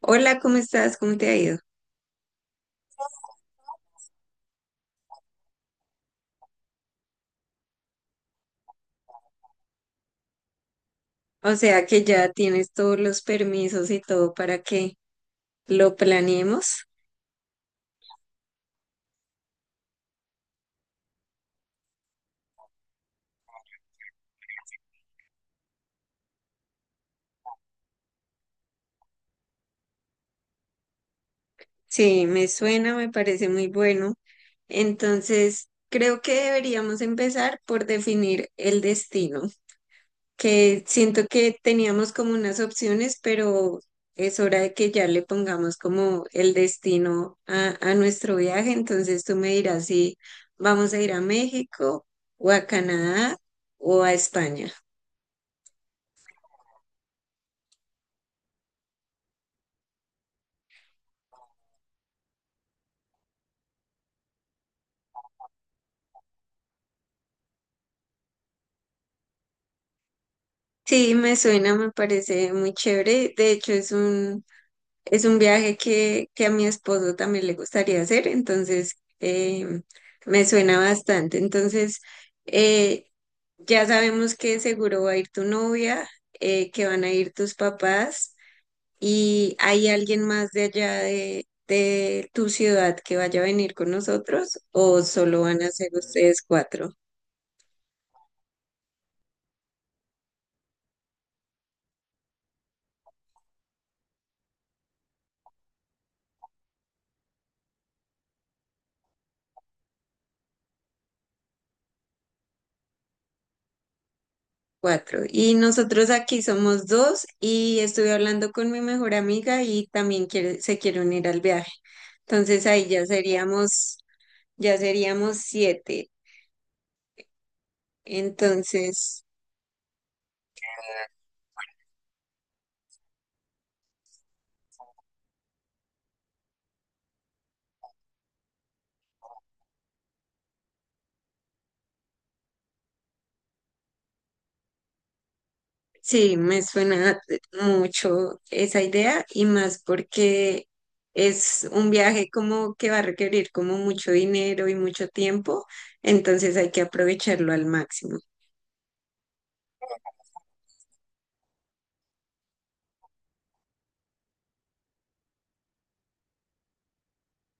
Hola, ¿cómo estás? ¿Cómo te ha ido? O sea que ya tienes todos los permisos y todo para que lo planeemos. Sí, me suena, me parece muy bueno. Entonces, creo que deberíamos empezar por definir el destino, que siento que teníamos como unas opciones, pero es hora de que ya le pongamos como el destino a nuestro viaje. Entonces, tú me dirás si vamos a ir a México o a Canadá o a España. Sí, me suena, me parece muy chévere. De hecho, es un viaje que a mi esposo también le gustaría hacer, entonces me suena bastante. Entonces, eh, ya sabemos que seguro va a ir tu novia, que van a ir tus papás y hay alguien más de allá de tu ciudad que vaya a venir con nosotros o solo van a ser ustedes cuatro. Cuatro. Y nosotros aquí somos dos y estuve hablando con mi mejor amiga y también se quiere unir al viaje. Entonces ahí ya seríamos, ya seríamos siete. Entonces, sí, me suena mucho esa idea y más porque es un viaje como que va a requerir como mucho dinero y mucho tiempo, entonces hay que aprovecharlo al máximo.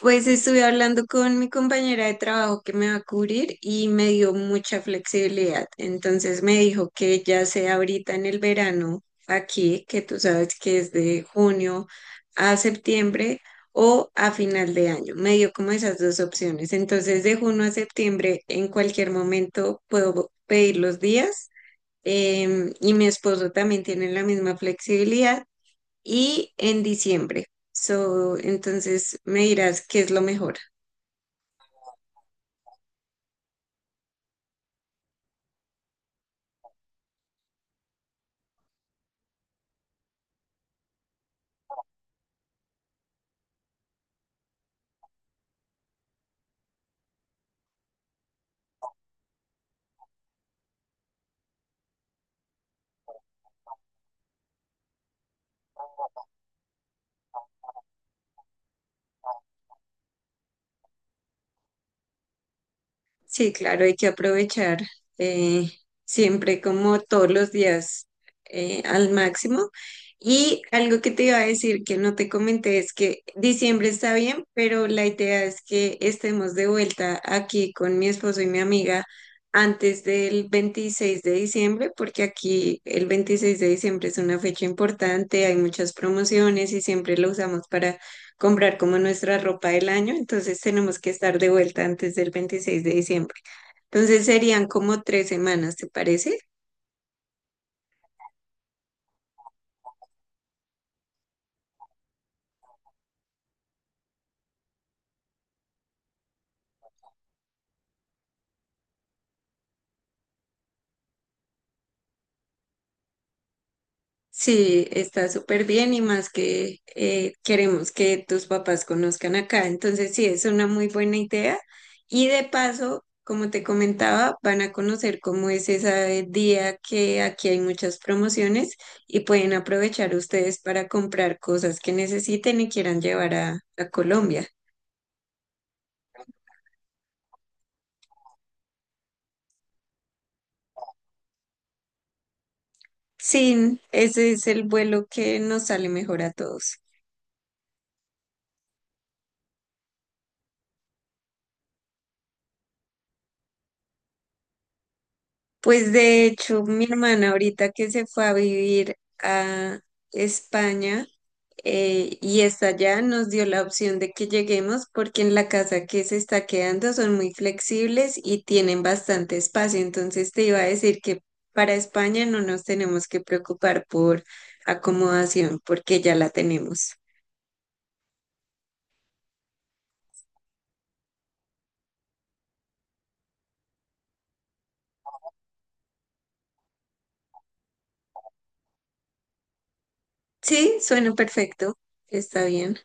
Pues estuve hablando con mi compañera de trabajo que me va a cubrir y me dio mucha flexibilidad. Entonces me dijo que ya sea ahorita en el verano, aquí, que tú sabes que es de junio a septiembre o a final de año. Me dio como esas dos opciones. Entonces de junio a septiembre en cualquier momento puedo pedir los días. Y mi esposo también tiene la misma flexibilidad y en diciembre. So, entonces me dirás qué es lo mejor. Sí, claro, hay que aprovechar eh, siempre como todos los días al máximo. Y algo que te iba a decir que no te comenté es que diciembre está bien, pero la idea es que estemos de vuelta aquí con mi esposo y mi amiga antes del 26 de diciembre, porque aquí el 26 de diciembre es una fecha importante, hay muchas promociones y siempre lo usamos para comprar como nuestra ropa del año, entonces tenemos que estar de vuelta antes del 26 de diciembre. Entonces serían como tres semanas, ¿te parece? Sí, está súper bien y más que queremos que tus papás conozcan acá. Entonces, sí, es una muy buena idea. Y de paso, como te comentaba, van a conocer cómo es ese día que aquí hay muchas promociones y pueden aprovechar ustedes para comprar cosas que necesiten y quieran llevar a Colombia. Sí, ese es el vuelo que nos sale mejor a todos. Pues de hecho, mi hermana ahorita que se fue a vivir a España y está allá, nos dio la opción de que lleguemos porque en la casa que se está quedando son muy flexibles y tienen bastante espacio. Entonces te iba a decir que para España no nos tenemos que preocupar por acomodación porque ya la tenemos. Sí, suena perfecto. Está bien.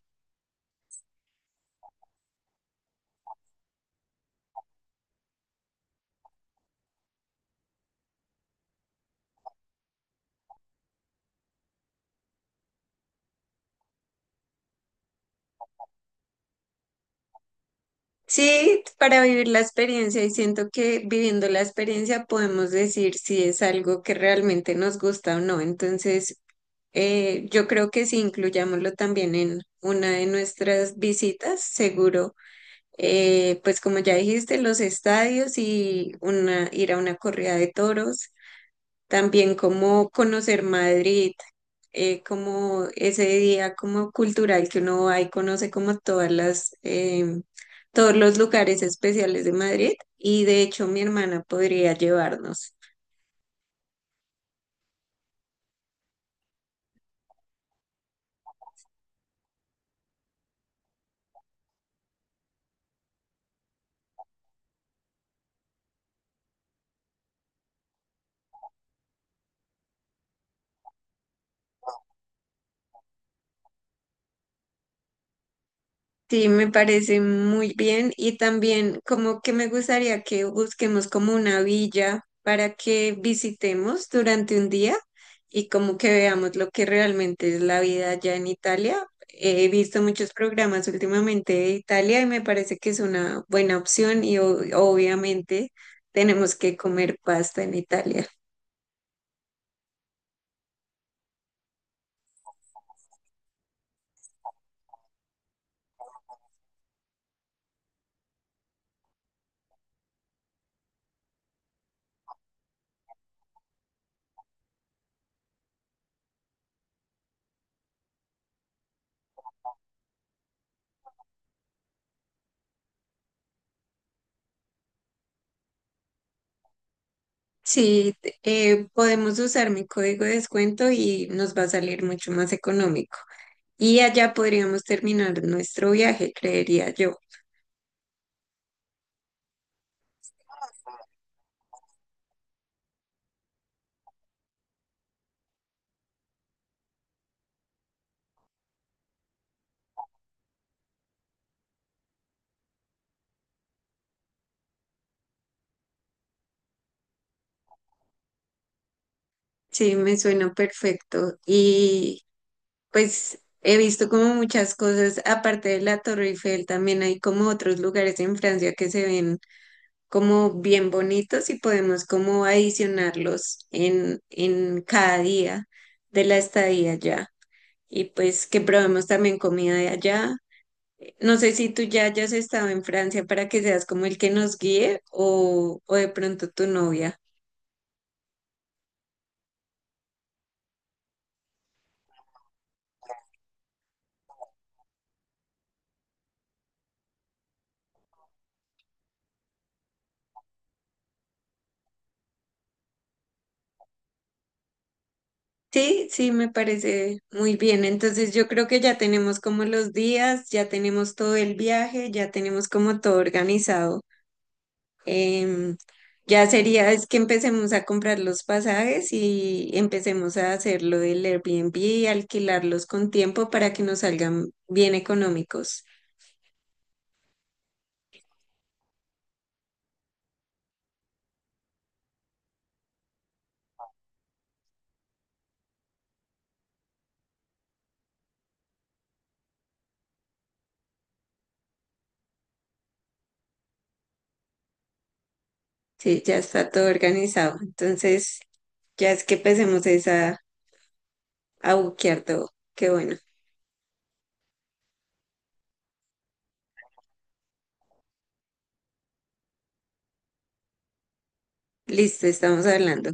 Sí, para vivir la experiencia y siento que viviendo la experiencia podemos decir si es algo que realmente nos gusta o no. Entonces, yo creo que si incluyámoslo también en una de nuestras visitas, seguro, pues como ya dijiste, los estadios y una, ir a una corrida de toros, también como conocer Madrid, como ese día como cultural que uno va y conoce como todas las, todos los lugares especiales de Madrid y de hecho mi hermana podría llevarnos. Sí, me parece muy bien y también como que me gustaría que busquemos como una villa para que visitemos durante un día y como que veamos lo que realmente es la vida allá en Italia. He visto muchos programas últimamente de Italia y me parece que es una buena opción y obviamente tenemos que comer pasta en Italia. Sí, podemos usar mi código de descuento y nos va a salir mucho más económico. Y allá podríamos terminar nuestro viaje, creería yo. Sí, me suena perfecto. Y pues he visto como muchas cosas, aparte de la Torre Eiffel, también hay como otros lugares en Francia que se ven como bien bonitos y podemos como adicionarlos en cada día de la estadía allá. Y pues que probemos también comida de allá. No sé si tú ya hayas estado en Francia para que seas como el que nos guíe o de pronto tu novia. Sí, sí, me parece muy bien. Entonces yo creo que ya tenemos como los días, ya tenemos todo el viaje, ya tenemos como todo organizado. Em, ya sería es que empecemos a comprar los pasajes y empecemos a hacer lo del Airbnb y alquilarlos con tiempo para que nos salgan bien económicos. Sí, ya está todo organizado. Entonces ya es que empecemos es a buquear todo. Qué bueno. Listo, estamos hablando.